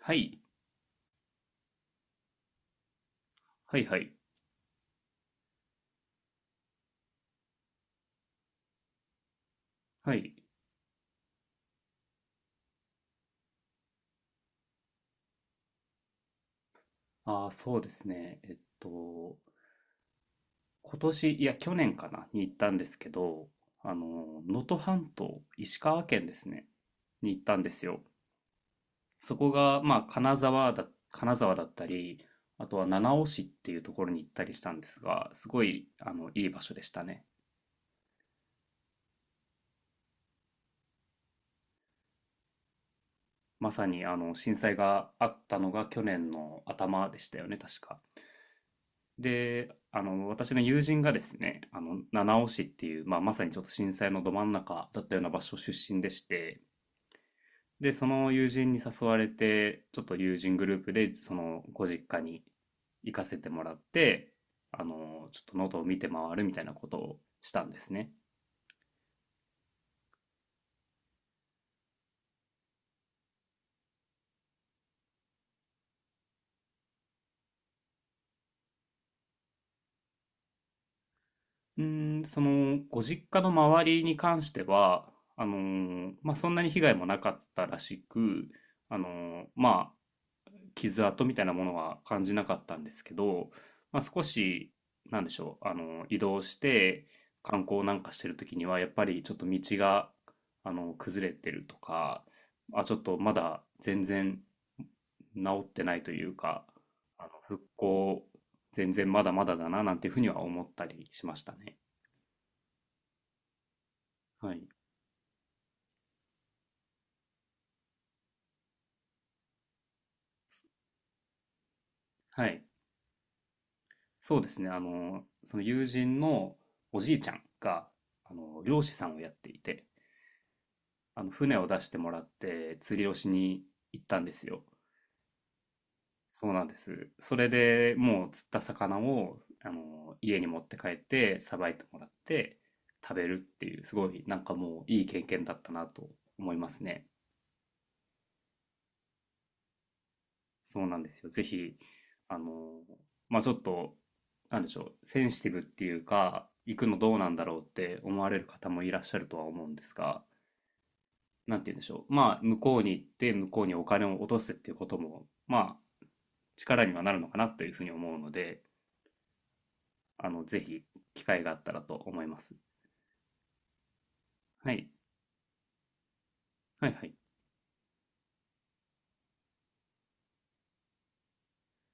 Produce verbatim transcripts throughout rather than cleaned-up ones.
はい。はいはい。はい。ああ、そうですね。えっと、今年、いや、去年かな、に行ったんですけど、あの、能登半島、石川県ですね、に行ったんですよ。そこが、まあ、金沢だ、金沢だったり、あとは七尾市っていうところに行ったりしたんですが、すごい、あの、いい場所でしたね。まさに、あの、震災があったのが去年の頭でしたよね、確か。で、あの、私の友人がですね、あの、七尾市っていう、まあ、まさにちょっと震災のど真ん中だったような場所出身でして、で、その友人に誘われて、ちょっと友人グループで、その、ご実家に行かせてもらって、あの、ちょっと喉を見て回るみたいなことをしたんですね。うーん、その、ご実家の周りに関しては、あの、まあ、そんなに被害もなかったらしく、あの、ま傷跡みたいなものは感じなかったんですけど、まあ、少し、なんでしょう、あの、移動して観光なんかしてる時には、やっぱりちょっと道が、あの、崩れてるとか、あ、ちょっとまだ全然治ってないというか、あの、復興、全然まだまだだな、なんていうふうには思ったりしましたね。はい。はい。そうですね。あの、その友人のおじいちゃんが、あの、漁師さんをやっていて、あの船を出してもらって釣りをしに行ったんですよ。そうなんです。それでもう釣った魚をあの家に持って帰ってさばいてもらって食べるっていうすごい、なんかもういい経験だったなと思いますね。そうなんですよ。ぜひ、あのまあちょっと、なんでしょう、センシティブっていうか行くのどうなんだろうって思われる方もいらっしゃるとは思うんですが。なんて言うんでしょう、まあ、向こうに行って、向こうにお金を落とすっていうことも、まあ、力にはなるのかなというふうに思うので、あの、ぜひ、機会があったらと思います。はい。はいはい。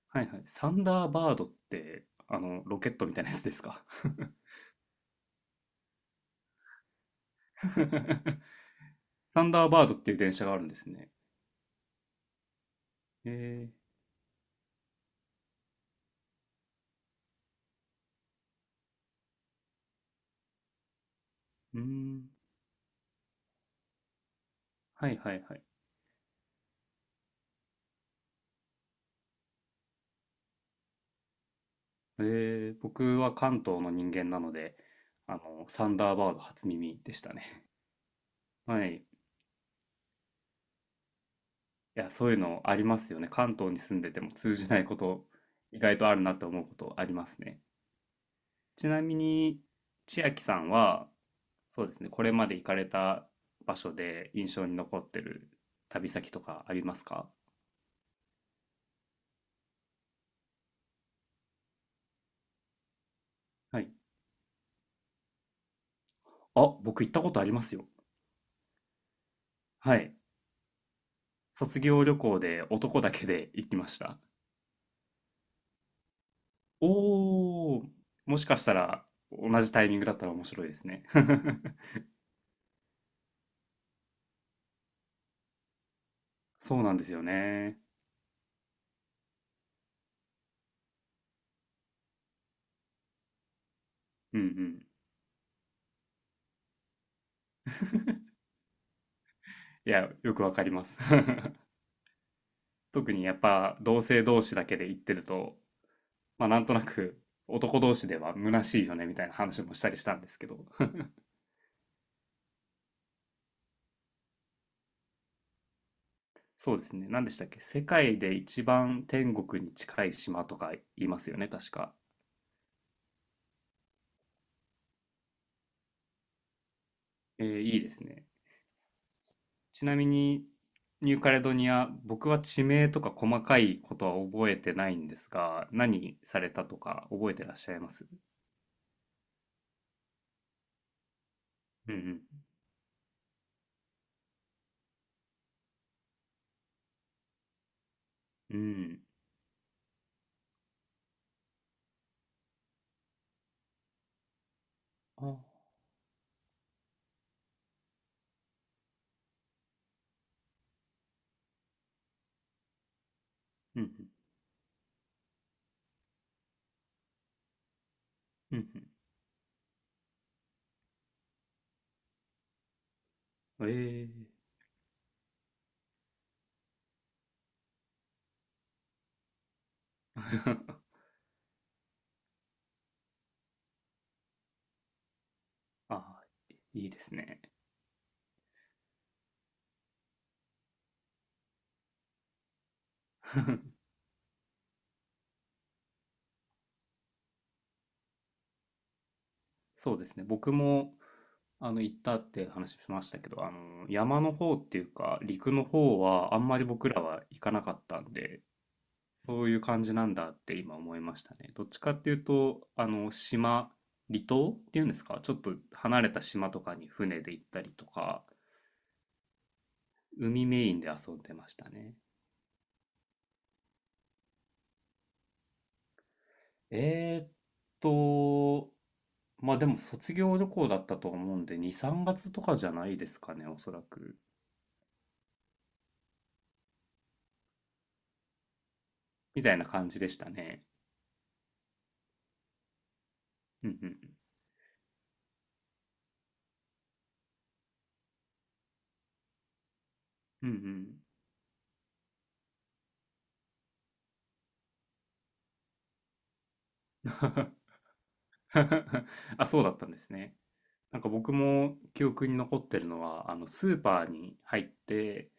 はいはい。サンダーバードって、あの、ロケットみたいなやつですか？ サンダーバードっていう電車があるんですね。えー、うーん。はいはいはい。えー、僕は関東の人間なので、あの、サンダーバード初耳でしたね。はい。いや、そういうのありますよね。関東に住んでても通じないこと、意外とあるなって思うことありますね。ちなみに千秋さんは、そうですね、これまで行かれた場所で印象に残ってる旅先とかありますか？はい。あ、僕行ったことありますよ。はい。卒業旅行で男だけで行きました。おお、もしかしたら同じタイミングだったら面白いですね。 そうなんですよね。うん、うん。いや、よくわかります。 特にやっぱ同性同士だけで行ってると、まあ、なんとなく男同士では虚しいよねみたいな話もしたりしたんですけど。 そうですね、何でしたっけ、世界で一番天国に近い島とか言いますよね、確か。えー、いいですね。ちなみにニューカレドニア、僕は地名とか細かいことは覚えてないんですが、何されたとか覚えてらっしゃいます？うんうんうん。あ、うんうんうん。うん、ええー。 あ、いいですね。 そうですね。僕も、あの、行ったって話しましたけど、あの、山の方っていうか、陸の方は、あんまり僕らは行かなかったんで、そういう感じなんだって今思いましたね。どっちかっていうと、あの、島、離島っていうんですか、ちょっと離れた島とかに船で行ったりとか、海メインで遊んでましたね。えーっと、まあでも卒業旅行だったと思うんで、に、さんがつとかじゃないですかね、おそらく。みたいな感じでしたね。うんうん。うんうん。あ、そうだったんですね。なんか僕も記憶に残ってるのは、あの、スーパーに入って、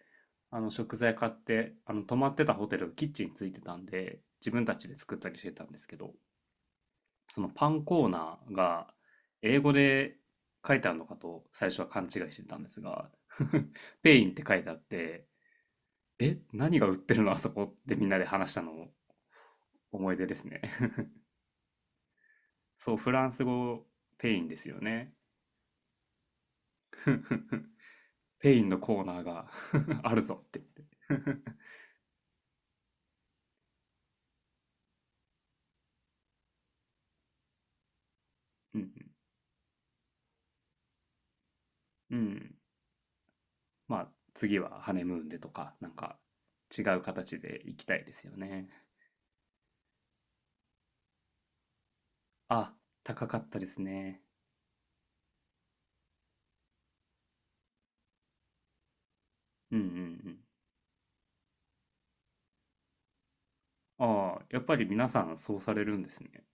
あの、食材買って、あの、泊まってたホテルがキッチンついてたんで、自分たちで作ったりしてたんですけど、そのパンコーナーが英語で書いてあるのかと最初は勘違いしてたんですが、ペインって書いてあって、え、何が売ってるのあそこってみんなで話したのを思い出ですね。そう、フランス語ペインですよね。ペインのコーナーが あるぞって言って。 うんうん。うん。まあ、次はハネムーンでとか、なんか違う形で行きたいですよね。あ、高かったですね。うんうんうん。ああ、やっぱり皆さんそうされるんですね。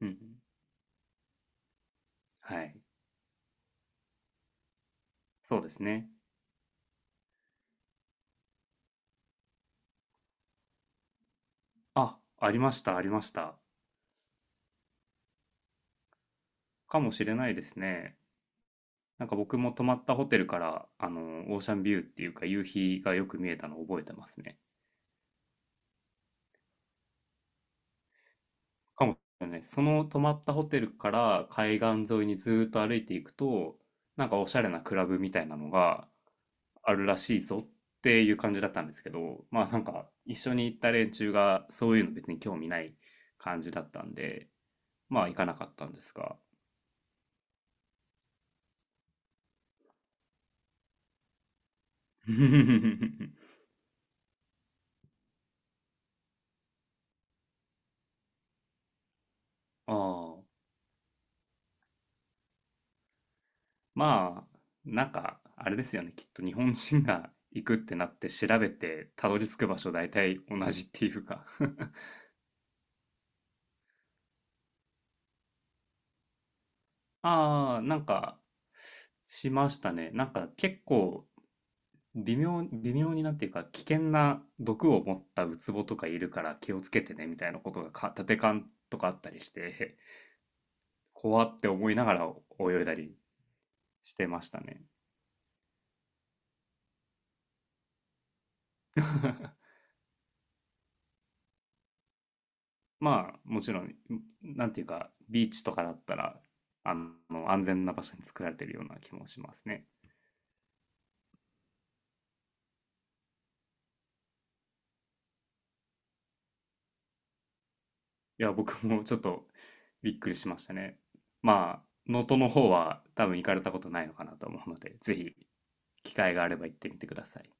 うんうん。はい。そうですね。あ、ありました、ありました。かもしれないですね。なんか僕も泊まったホテルから、あの、オーシャンビューっていうか夕日がよく見えたのを覚えてますね。かもしれない。その泊まったホテルから海岸沿いにずーっと歩いていくと、なんかおしゃれなクラブみたいなのがあるらしいぞっていう感じだったんですけど、まあなんか一緒に行った連中がそういうの別に興味ない感じだったんで、まあ行かなかったんですが。ああ、まあ、なんかあれですよね。きっと日本人が行くってなって調べてたどり着く場所大体同じっていうか。ああ、なんか、しましたね。なんか結構微妙、微妙になっていうか、危険な毒を持ったウツボとかいるから気をつけてね、みたいなことがか、立て看とかあったりして、怖って思いながら泳いだりしてましたね。まあ、もちろん、なんていうか、ビーチとかだったら、あの、安全な場所に作られてるような気もしますね。いや、僕もちょっとびっくりしましたね。まあ、能登の方は多分行かれたことないのかなと思うので、ぜひ機会があれば行ってみてください。